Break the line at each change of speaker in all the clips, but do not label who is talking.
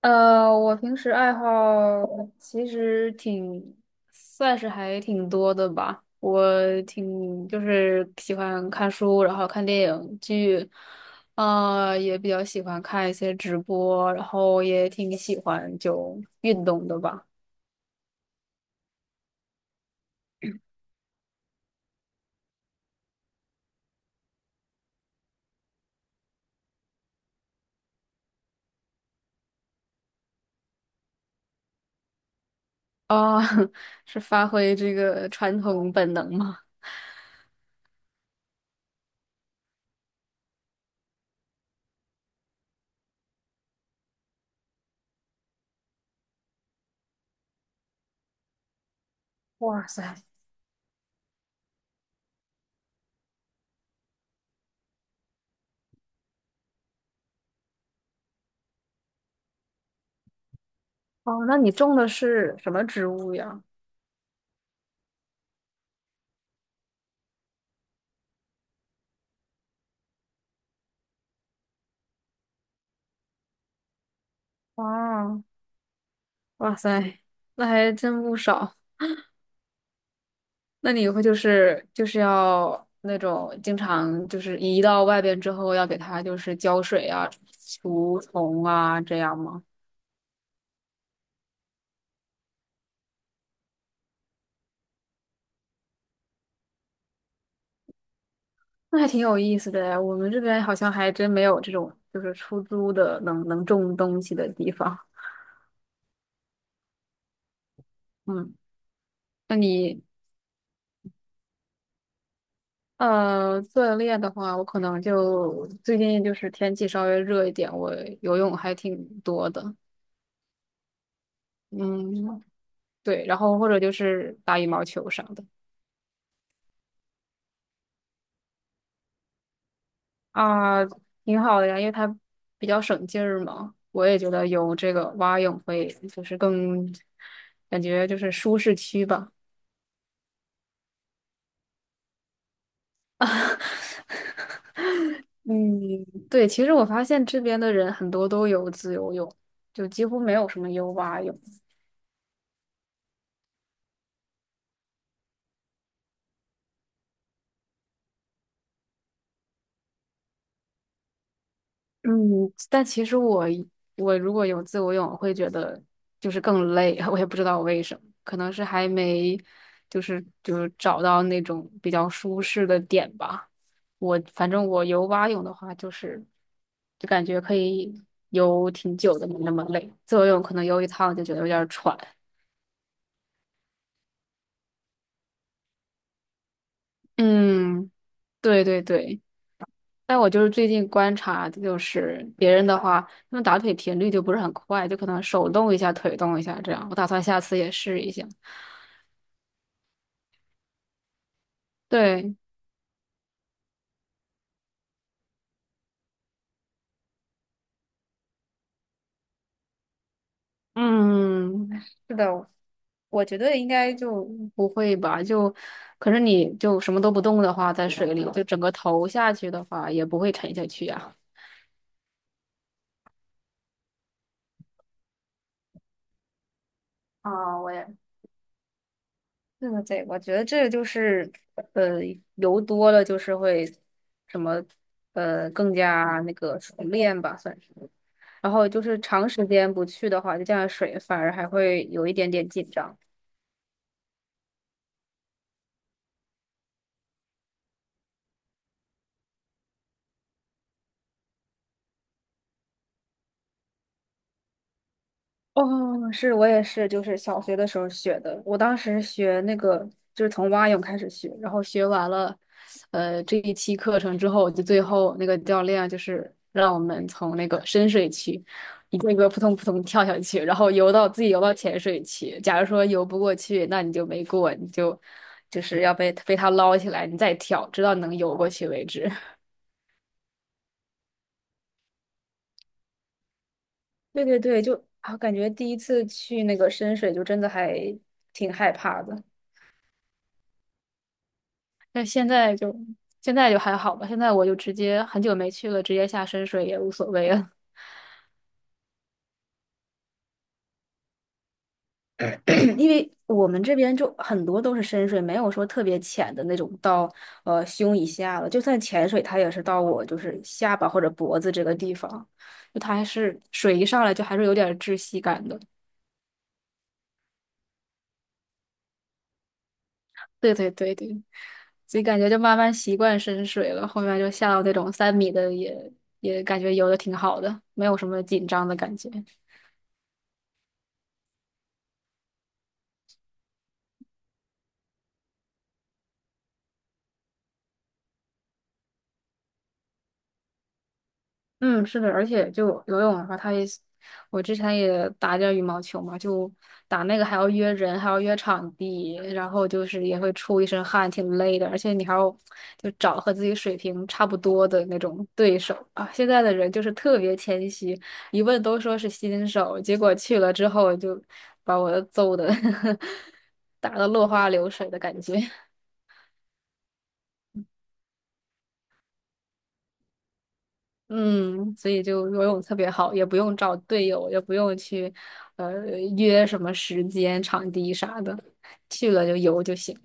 我平时爱好其实挺，算是还挺多的吧。我挺就是喜欢看书，然后看电影剧，啊，也比较喜欢看一些直播，然后也挺喜欢运动的吧。啊、是发挥这个传统本能吗？哇塞。哦，那你种的是什么植物呀？哦，哇塞，那还真不少。那你以后就是要那种经常移到外边之后要给它浇水啊、除虫啊这样吗？那还挺有意思的呀，我们这边好像还真没有这种出租的能种东西的地方。嗯，那你锻炼的话，我可能就最近天气稍微热一点，我游泳还挺多的。嗯，对，然后或者就是打羽毛球啥的。啊，挺好的呀，因为它比较省劲儿嘛。我也觉得游这个蛙泳会，就是更感觉就是舒适区吧。嗯，对，其实我发现这边的人很多都有自由泳，就几乎没有什么游蛙泳。嗯，但其实如果有自由泳，我会觉得就是更累，我也不知道为什么，可能是还没就是找到那种比较舒适的点吧。反正我游蛙泳的话，就感觉可以游挺久的，没那么累。自由泳可能游一趟就觉得有点儿喘。嗯，对对对。但我就是最近观察，就是别人的话，他们打腿频率就不是很快，就可能手动一下，腿动一下这样。我打算下次也试一下。对，嗯，是的，我觉得应该就不会吧，就，可是你就什么都不动的话，在水里，就整个头下去的话，也不会沉下去呀。啊，我也对对对，我觉得这个就是，呃，游多了就是会什么，更加那个熟练吧，算是。然后就是长时间不去的话，就这样水反而还会有一点点紧张。哦，是我也是，就是小学的时候学的。我当时学那个就是从蛙泳开始学，然后学完了，这一期课程之后，就最后那个教练就是让我们从那个深水区一个一个扑通扑通跳下去，然后游到浅水区。假如说游不过去，那你就没过，你就就是要被他捞起来，你再跳，直到能游过去为止。对对对，就啊，感觉第一次去那个深水就真的还挺害怕的，但现在还好吧。现在我就直接很久没去了，直接下深水也无所谓了。因为我们这边就很多都是深水，没有说特别浅的那种到胸以下了，就算潜水，它也是到我就是下巴或者脖子这个地方，就它还是水一上来就还是有点窒息感的。对对对对，所以感觉就慢慢习惯深水了，后面就下到那种三米的也感觉游的挺好的，没有什么紧张的感觉。嗯，是的，而且就游泳的话，它也是我之前也打点儿羽毛球嘛，就打那个还要约人，还要约场地，然后就是也会出一身汗，挺累的，而且你还要就找和自己水平差不多的那种对手啊。现在的人就是特别谦虚，一问都说是新手，结果去了之后就把我揍的 打的落花流水的感觉。嗯，所以就游泳特别好，也不用找队友，也不用去呃约什么时间、场地啥的，去了就游就行。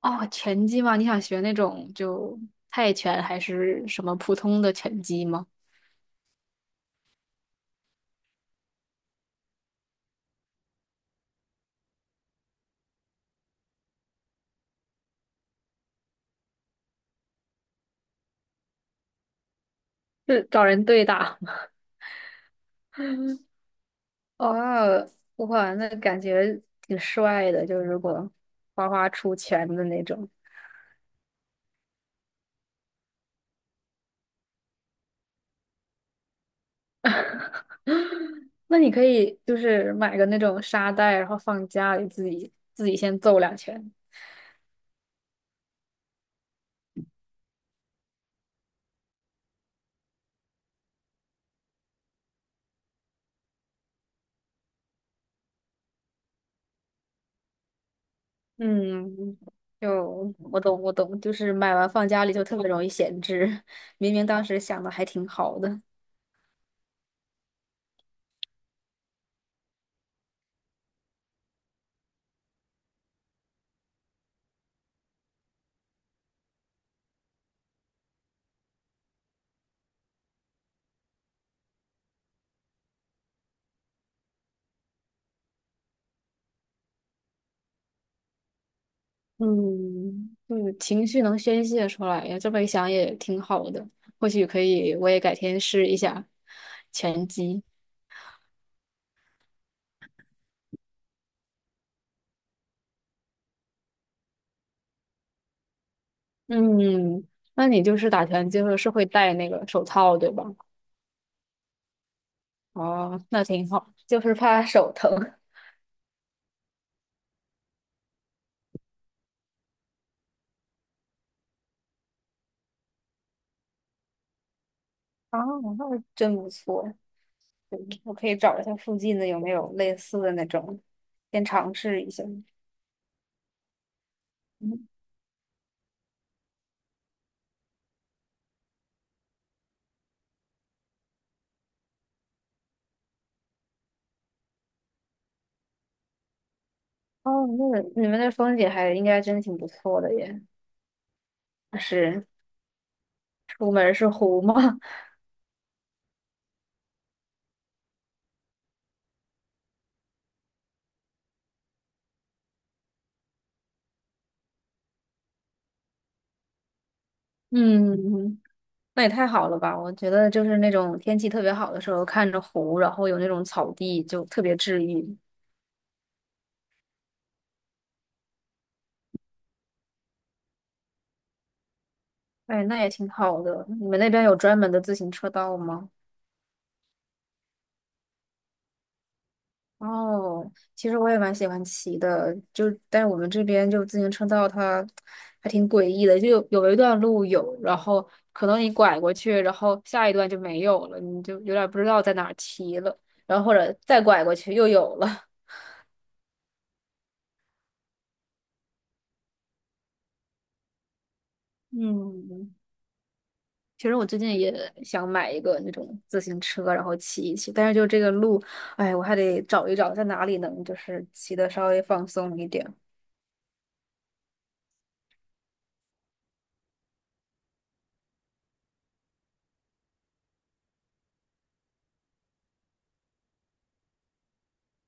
哦，拳击吗？你想学那种就泰拳还是什么普通的拳击吗？是找人对打。哦，哇，那感觉挺帅的，就是如果花花出拳的那种。那你可以就是买个那种沙袋，然后放家里自己先揍两拳。嗯，就我懂，我懂，就是买完放家里就特别容易闲置，明明当时想的还挺好的。嗯，就是情绪能宣泄出来呀，这么一想也挺好的。或许可以，我也改天试一下拳击。嗯，那你就是打拳就是是会戴那个手套，对吧？哦，那挺好，就是怕手疼。啊，那真不错。对，我可以找一下附近的有没有类似的那种，先尝试一下。嗯，哦，那个你们那风景还应该真的挺不错的耶，是出门儿是湖嘛。嗯，那也太好了吧！我觉得就是那种天气特别好的时候，看着湖，然后有那种草地，就特别治愈。哎，那也挺好的。你们那边有专门的自行车道吗？哦，其实我也蛮喜欢骑的，就但是我们这边就自行车道它还挺诡异的，就有一段路有，然后可能你拐过去，然后下一段就没有了，你就有点不知道在哪儿骑了，然后或者再拐过去又有了。嗯，其实我最近也想买一个那种自行车，然后骑一骑，但是就这个路，哎，我还得找一找在哪里能就是骑的稍微放松一点。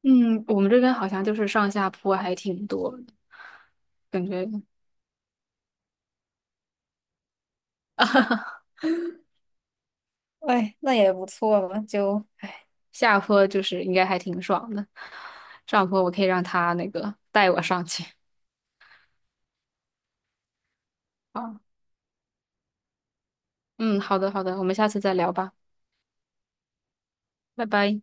嗯，我们这边好像就是上下坡还挺多的感觉。 哎，那也不错嘛，就哎，下坡就是应该还挺爽的，上坡我可以让他那个带我上去。啊，嗯，好的好的，我们下次再聊吧，拜拜。